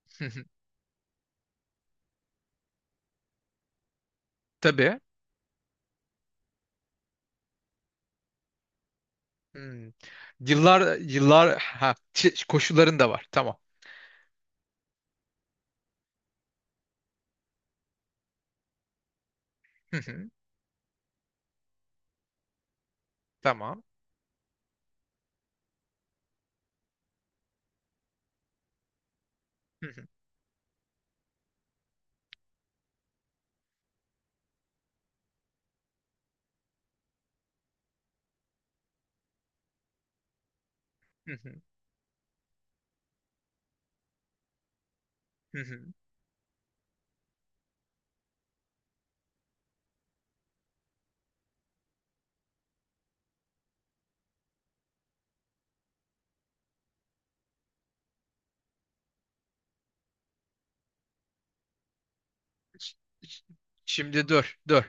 Tabii. Hmm. Yıllar yıllar koşulların da var. Tamam. Hı hı. Tamam. Hı hı. Hı hı. Hı hı. Şimdi dur, dur.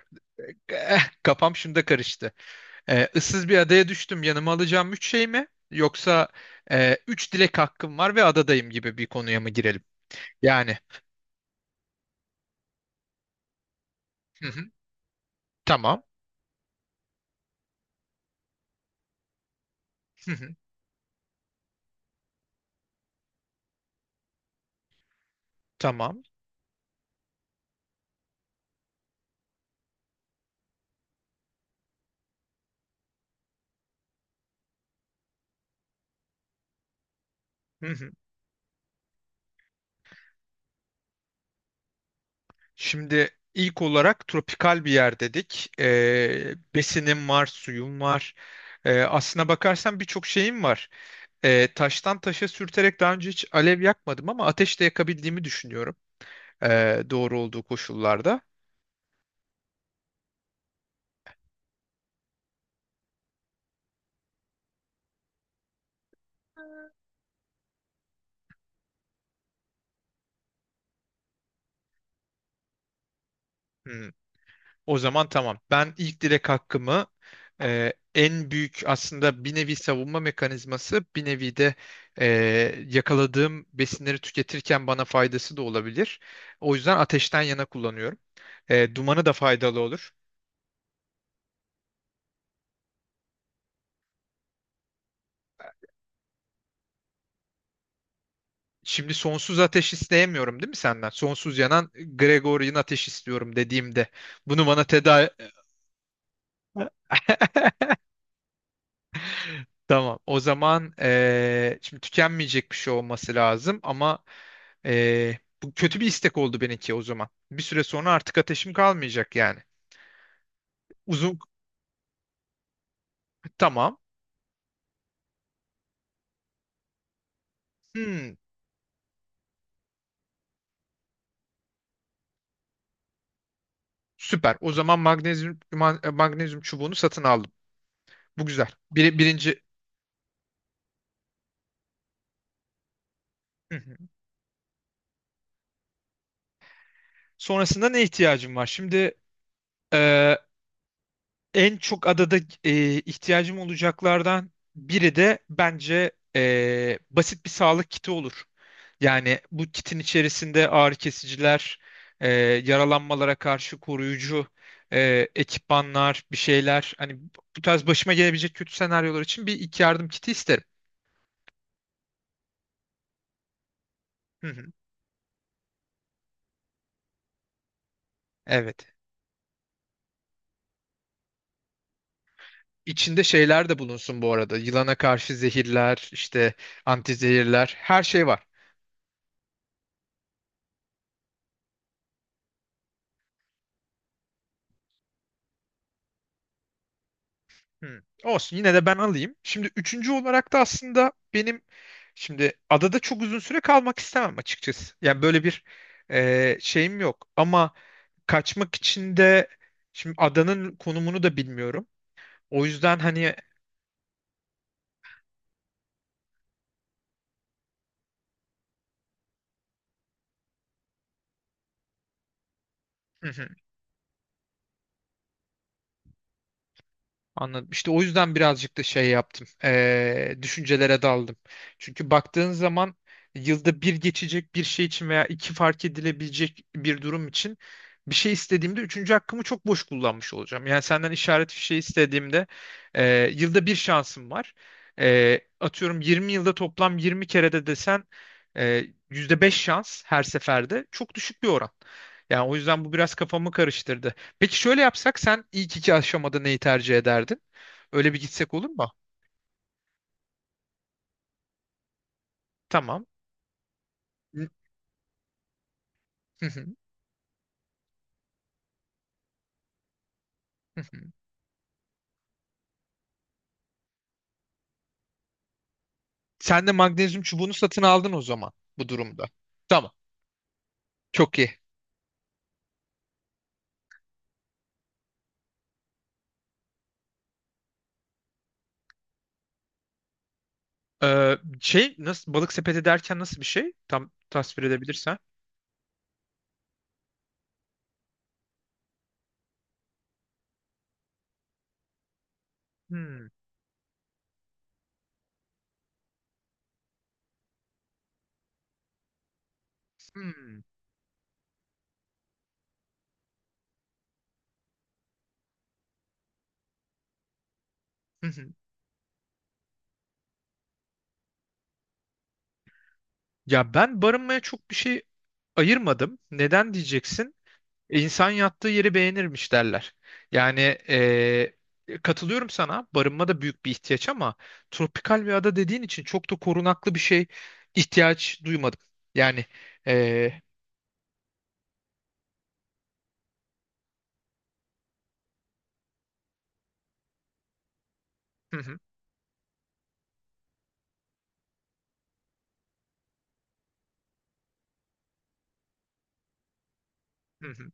Kafam şunda karıştı. Issız bir adaya düştüm. Yanıma alacağım üç şey mi? Yoksa üç dilek hakkım var ve adadayım gibi bir konuya mı girelim? Yani. Hı hı. Tamam. Hı hı. Tamam. Şimdi ilk olarak tropikal bir yer dedik. Besinim var, suyum var. Aslına bakarsan birçok şeyim var. Taştan taşa sürterek daha önce hiç alev yakmadım ama ateş de yakabildiğimi düşünüyorum. Doğru olduğu koşullarda. Hmm. O zaman tamam. Ben ilk dilek hakkımı en büyük aslında bir nevi savunma mekanizması, bir nevi de e, yakaladığım besinleri tüketirken bana faydası da olabilir. O yüzden ateşten yana kullanıyorum. Dumanı da faydalı olur. Şimdi sonsuz ateş isteyemiyorum değil mi senden? Sonsuz yanan Gregorian ateş istiyorum dediğimde bunu bana. Tamam. O zaman şimdi tükenmeyecek bir şey olması lazım ama bu kötü bir istek oldu benimki o zaman. Bir süre sonra artık ateşim kalmayacak yani. Uzun tamam. Hmm, Süper. O zaman magnezyum magnezyum çubuğunu satın aldım. Bu güzel. Birinci. Hı hı. Sonrasında ne ihtiyacım var? Şimdi eee, en çok adada ihtiyacım olacaklardan biri de bence basit bir sağlık kiti olur. Yani bu kitin içerisinde ağrı kesiciler, e, yaralanmalara karşı koruyucu ekipmanlar, bir şeyler. Hani bu tarz başıma gelebilecek kötü senaryolar için bir ilk yardım kiti isterim. Hı hı. Evet. İçinde şeyler de bulunsun bu arada. Yılana karşı zehirler, işte antizehirler, her şey var. Hmm. Olsun yine de ben alayım. Şimdi üçüncü olarak da aslında benim şimdi adada çok uzun süre kalmak istemem açıkçası. Yani böyle bir şeyim yok. Ama kaçmak için de şimdi adanın konumunu da bilmiyorum. O yüzden hani. Anladım. İşte o yüzden birazcık da şey yaptım. Düşüncelere daldım. Çünkü baktığın zaman yılda bir geçecek bir şey için veya iki fark edilebilecek bir durum için bir şey istediğimde üçüncü hakkımı çok boş kullanmış olacağım. Yani senden işaret fişeği istediğimde yılda bir şansım var. Atıyorum 20 yılda toplam 20 kere de desen %5 şans her seferde çok düşük bir oran. Yani o yüzden bu biraz kafamı karıştırdı. Peki şöyle yapsak sen ilk iki aşamada neyi tercih ederdin? Öyle bir gitsek olur mu? Tamam. Hı hı, hı hı. Sen de magnezyum çubuğunu satın aldın o zaman bu durumda. Tamam. Çok iyi. Şey nasıl balık sepeti derken nasıl bir şey? Tam tasvir edebilirsen. Hmm, hmm, hı hı. Ya ben barınmaya çok bir şey ayırmadım. Neden diyeceksin? İnsan yattığı yeri beğenirmiş derler. Yani katılıyorum sana. Barınma da büyük bir ihtiyaç ama tropikal bir ada dediğin için çok da korunaklı bir şey ihtiyaç duymadım. Yani, eee, hı hı, hı hı.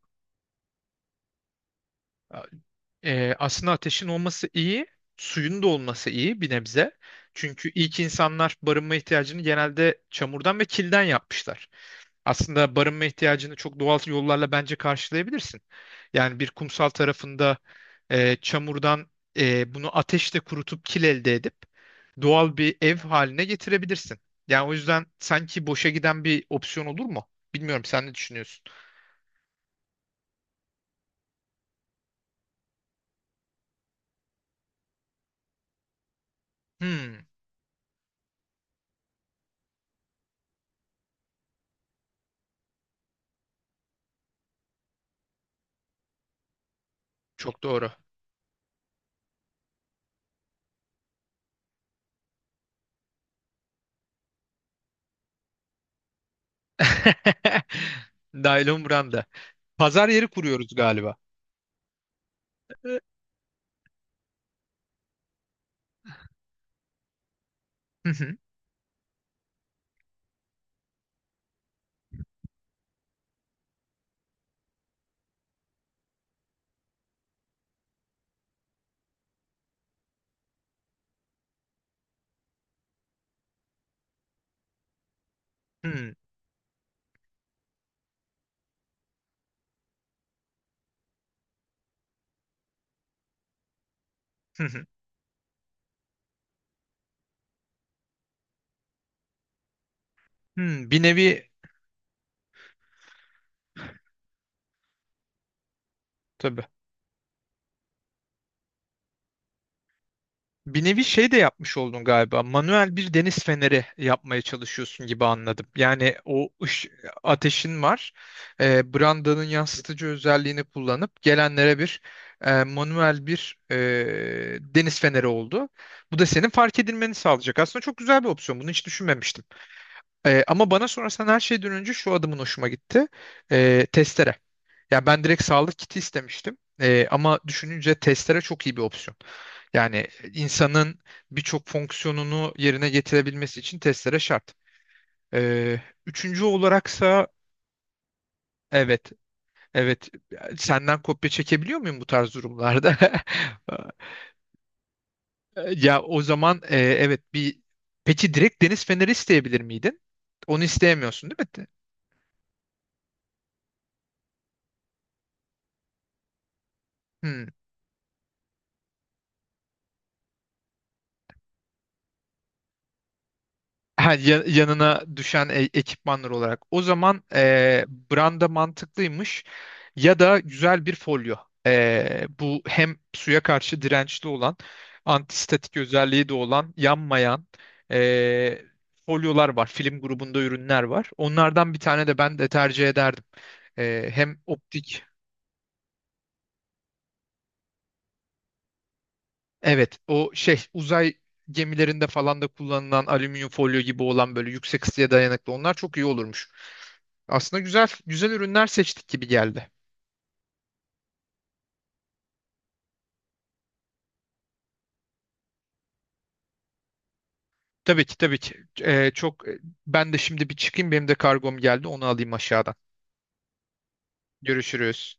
Aslında ateşin olması iyi, suyun da olması iyi bir nebze. Çünkü ilk insanlar barınma ihtiyacını genelde çamurdan ve kilden yapmışlar. Aslında barınma ihtiyacını çok doğal yollarla bence karşılayabilirsin. Yani bir kumsal tarafında çamurdan bunu ateşle kurutup kil elde edip doğal bir ev haline getirebilirsin. Yani o yüzden sanki boşa giden bir opsiyon olur mu? Bilmiyorum, sen ne düşünüyorsun? Hmm, Çok doğru. Naylon branda. Pazar yeri kuruyoruz galiba. Hı hı, hı hı, hı hı. Bir nevi tabii. Bir nevi şey de yapmış oldun galiba. Manuel bir deniz feneri yapmaya çalışıyorsun gibi anladım. Yani ateşin var. Brandanın yansıtıcı özelliğini kullanıp gelenlere bir manuel bir deniz feneri oldu. Bu da senin fark edilmeni sağlayacak. Aslında çok güzel bir opsiyon. Bunu hiç düşünmemiştim. Ama bana sorarsan her şeyden önce şu adımın hoşuma gitti. Testere. Ya ben direkt sağlık kiti istemiştim. Ama düşününce testere çok iyi bir opsiyon. Yani insanın birçok fonksiyonunu yerine getirebilmesi için testere şart. Ee, Üçüncü olaraksa evet, evet. Senden kopya çekebiliyor muyum bu tarz durumlarda? Ya o zaman evet bir peki direkt deniz feneri isteyebilir miydin? Onu isteyemiyorsun değil mi? Hmm. Ha, yanına düşen ekipmanlar olarak. O zaman branda mantıklıymış ya da güzel bir folyo. Bu hem suya karşı dirençli olan, antistatik özelliği de olan, yanmayan e, folyolar var. Film grubunda ürünler var. Onlardan bir tane de ben de tercih ederdim. Hem optik, evet o şey uzay gemilerinde falan da kullanılan alüminyum folyo gibi olan böyle yüksek ısıya dayanıklı onlar çok iyi olurmuş. Aslında güzel güzel ürünler seçtik gibi geldi. Tabii ki tabii ki. Çok ben de şimdi bir çıkayım, benim de kargom geldi, onu alayım aşağıdan. Görüşürüz.